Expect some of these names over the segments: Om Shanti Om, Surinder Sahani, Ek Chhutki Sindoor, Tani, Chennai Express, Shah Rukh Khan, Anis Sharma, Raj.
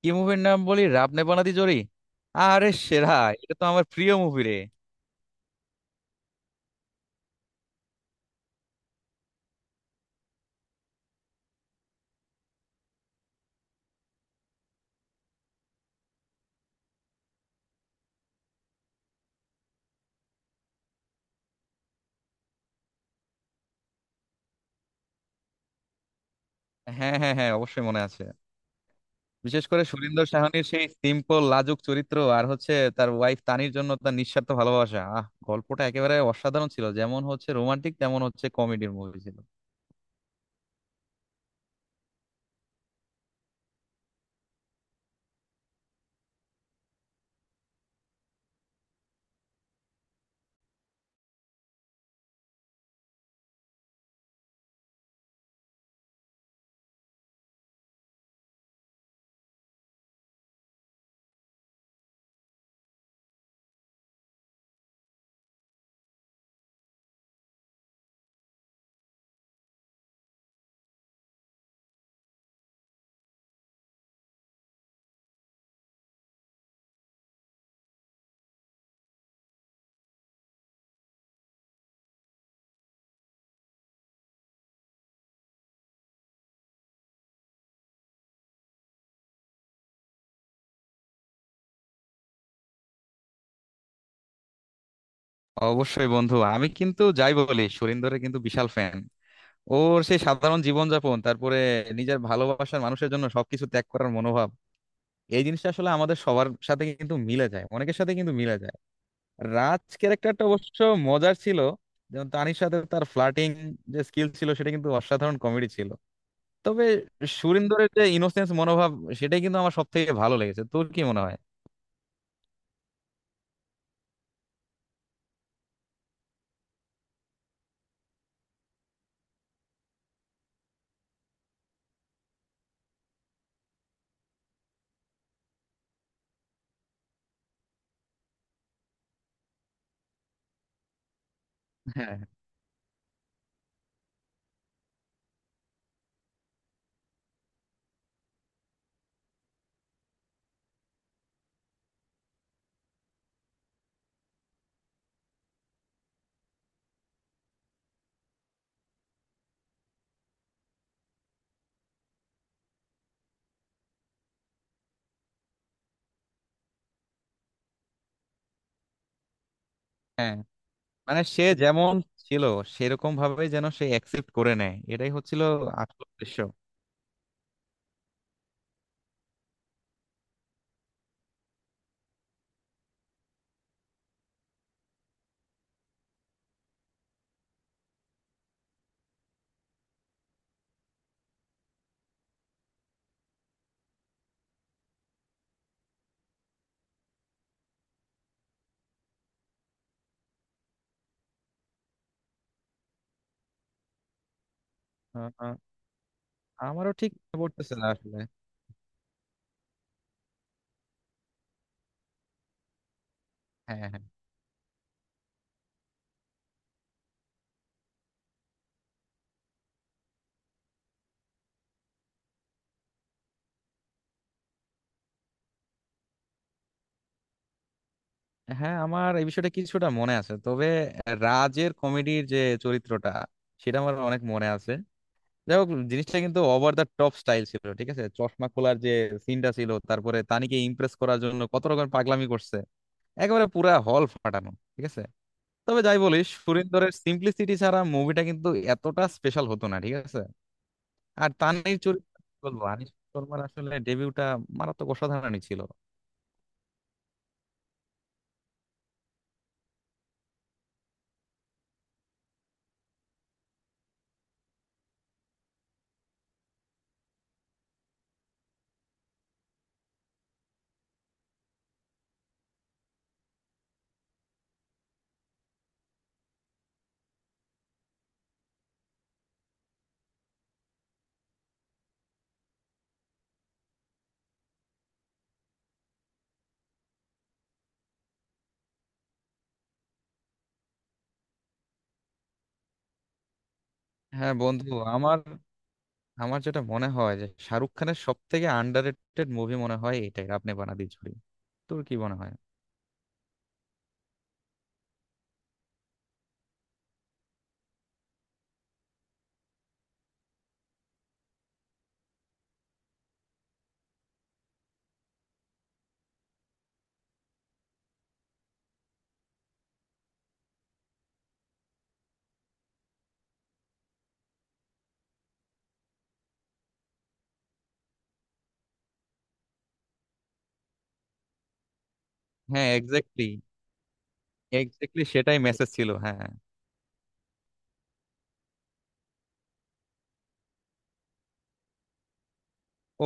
কি মুভির নাম বলি? রাব নে বানাদি জোড়ি? আরে সেরা! এটা তো আমার প্রিয় মুভি রে। হ্যাঁ হ্যাঁ হ্যাঁ, অবশ্যই মনে আছে। বিশেষ করে সুরিন্দর সাহানির সেই সিম্পল লাজুক চরিত্র, আর হচ্ছে তার ওয়াইফ তানির জন্য তার নিঃস্বার্থ ভালোবাসা। গল্পটা একেবারে অসাধারণ ছিল, যেমন হচ্ছে রোমান্টিক তেমন হচ্ছে কমেডির মুভি ছিল। অবশ্যই বন্ধু, আমি কিন্তু যাই বলি, সুরিন্দরের কিন্তু বিশাল ফ্যান। ওর সেই সাধারণ জীবনযাপন, তারপরে নিজের ভালোবাসার মানুষের জন্য সবকিছু ত্যাগ করার মনোভাব, এই জিনিসটা আসলে আমাদের সবার সাথে কিন্তু মিলে যায়, অনেকের সাথে কিন্তু মিলে যায়। রাজ ক্যারেক্টারটা অবশ্য মজার ছিল, যেমন তানির সাথে তার ফ্লার্টিং যে স্কিল ছিল সেটা কিন্তু অসাধারণ কমেডি ছিল। তবে সুরিন্দরের যে ইনোসেন্স মনোভাব, সেটাই কিন্তু আমার সব থেকে ভালো লেগেছে। তোর কি মনে হয়? হ্যাঁ হ্যাঁ, মানে সে যেমন ছিল সেরকম ভাবে যেন সে অ্যাকসেপ্ট করে নেয়, এটাই হচ্ছিল আসল উদ্দেশ্য। আহ, আহ, আমারও ঠিক মনে পড়তেছে না আসলে। হ্যাঁ হ্যাঁ হ্যাঁ, আমার এই বিষয়টা কিছুটা মনে আছে, তবে রাজের কমেডির যে চরিত্রটা সেটা আমার অনেক মনে আছে। যাই হোক, জিনিসটা কিন্তু ওভার দ্য টপ স্টাইল ছিল, ঠিক আছে? চশমা খোলার যে সিনটা ছিল, তারপরে তানিকে ইমপ্রেস করার জন্য কত রকম পাগলামি করছে, একেবারে পুরা হল ফাটানো, ঠিক আছে? তবে যাই বলিস, সুরিন্দরের সিম্পলিসিটি ছাড়া মুভিটা কিন্তু এতটা স্পেশাল হতো না, ঠিক আছে? আর তানির চরিত্র কি বলবো, আনিস শর্মার আসলে ডেবিউটা মারাত্মক অসাধারণই ছিল। হ্যাঁ বন্ধু, আমার আমার যেটা মনে হয়, যে শাহরুখ খানের সব থেকে আন্ডাররেটেড মুভি মনে হয় এটাই, আপনি বানাদি ঝুড়ি। তোর কি মনে হয়? হ্যাঁ এক্স্যাক্টলি, এক্স্যাক্টলি সেটাই মেসেজ ছিল, হ্যাঁ।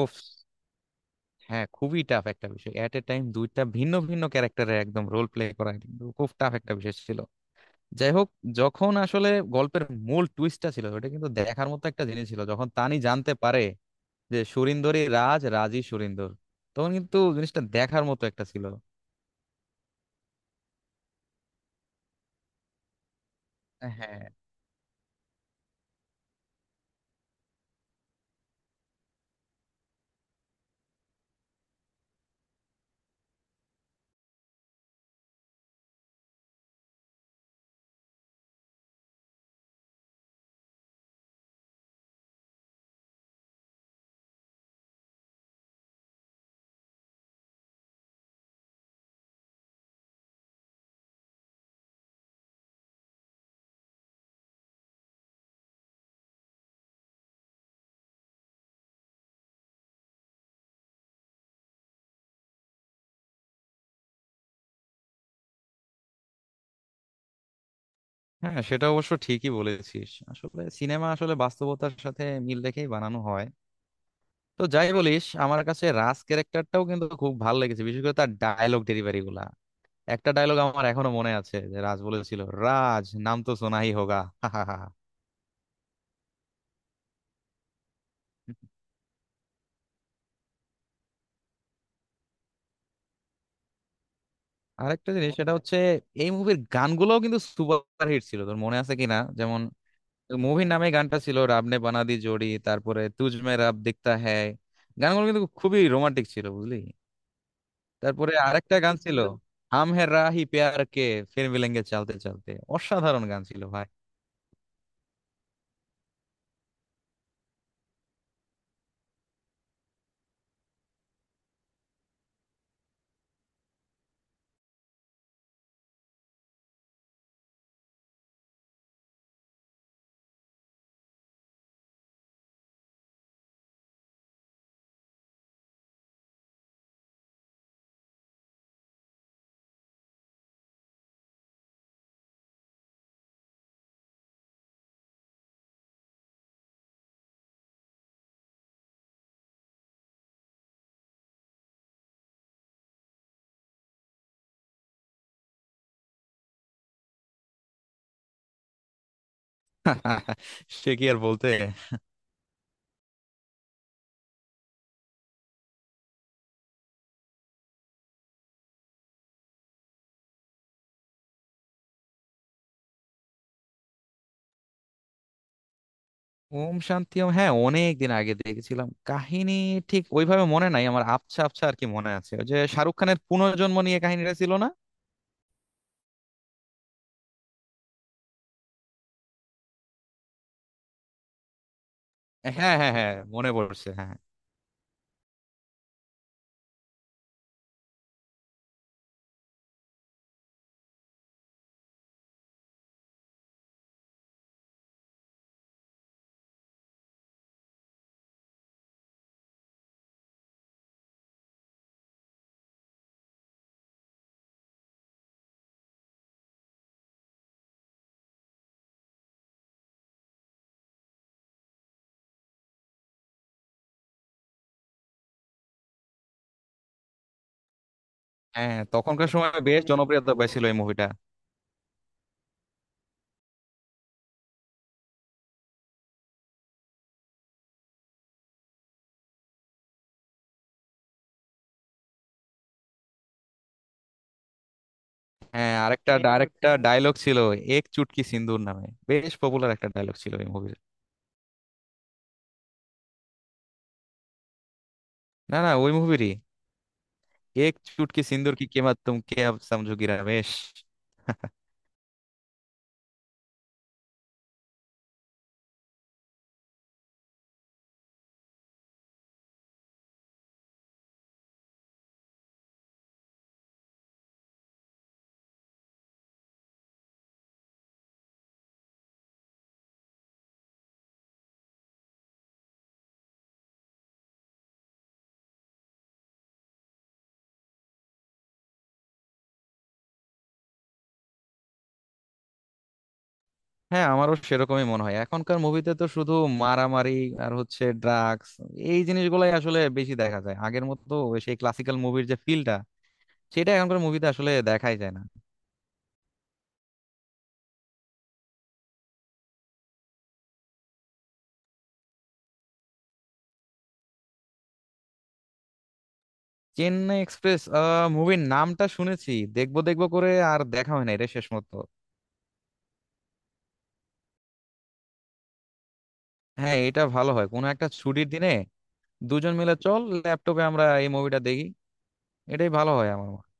ওফ, হ্যাঁ খুবই টাফ একটা বিষয়। এট এ টাইম দুইটা ভিন্ন ভিন্ন ক্যারেক্টারে একদম রোল প্লে করা, এটা কিন্তু খুব টাফ একটা বিষয় ছিল। যাই হোক, যখন আসলে গল্পের মূল টুইস্টটা ছিল, ওটা কিন্তু দেখার মতো একটা জিনিস ছিল, যখন তানি জানতে পারে যে সুরিন্দরই রাজ, রাজই সুরিন্দর, তখন কিন্তু জিনিসটা দেখার মতো একটা ছিল। হ্যাঁ হ্যাঁ, সেটা অবশ্য ঠিকই বলেছিস, আসলে সিনেমা আসলে বাস্তবতার সাথে মিল রেখেই বানানো হয়। তো যাই বলিস, আমার কাছে রাজ ক্যারেক্টারটাও কিন্তু খুব ভালো লেগেছে, বিশেষ করে তার ডায়লগ ডেলিভারি গুলা। একটা ডায়লগ আমার এখনো মনে আছে, যে রাজ বলেছিল, "রাজ নাম তো সোনাই হোগা।" হাহাহা। আরেকটা জিনিস, সেটা হচ্ছে এই মুভির গানগুলোও কিন্তু সুপার হিট ছিল, তোর মনে আছে কিনা? যেমন মুভির নামে গানটা ছিল "রাব নে বানা দি জোড়ি", তারপরে "তুজ মে রাব দিখতা হ্যায়"। গানগুলো কিন্তু খুবই রোমান্টিক ছিল বুঝলি। তারপরে আরেকটা গান ছিল, "হাম হে রাহি প্যার কে ফির মিলেঙ্গে চলতে চলতে", অসাধারণ গান ছিল ভাই। সে কি আর বলতে! ওম শান্তি ওম, হ্যাঁ অনেক দিন আগে দেখেছিলাম। কাহিনী ঠিক ওইভাবে মনে নাই আমার, আবছা আবছা আর কি মনে আছে, ওই যে শাহরুখ খানের পুনর্জন্ম নিয়ে কাহিনীটা ছিল না? হ্যাঁ হ্যাঁ হ্যাঁ, মনে পড়ছে, হ্যাঁ হ্যাঁ। হ্যাঁ, তখনকার সময় বেশ জনপ্রিয়তা পেয়েছিল এই মুভিটা। হ্যাঁ, আরেকটা আরেকটা ডায়লগ ছিল, "এক চুটকি সিন্দুর" নামে বেশ পপুলার একটা ডায়লগ ছিল এই মুভির। না না, ওই মুভিরই। "এক চুটকি সিন্দুর কি কেমাত তুম কে আব সমঝোগিরা বেশ। হ্যাঁ আমারও সেরকমই মনে হয়, এখনকার মুভিতে তো শুধু মারামারি আর হচ্ছে ড্রাগস, এই জিনিসগুলাই আসলে বেশি দেখা যায়। আগের মতো ওই সেই ক্লাসিক্যাল মুভির যে ফিলটা, সেটা এখনকার মুভিতে আসলে দেখাই যায় না। চেন্নাই এক্সপ্রেস, মুভির নামটা শুনেছি, দেখবো দেখবো করে আর দেখা হয় না এটা শেষ মতো। হ্যাঁ এটা ভালো হয়, কোনো একটা ছুটির দিনে দুজন মিলে চল ল্যাপটপে আমরা এই মুভিটা দেখি, এটাই ভালো হয় আমার মতে।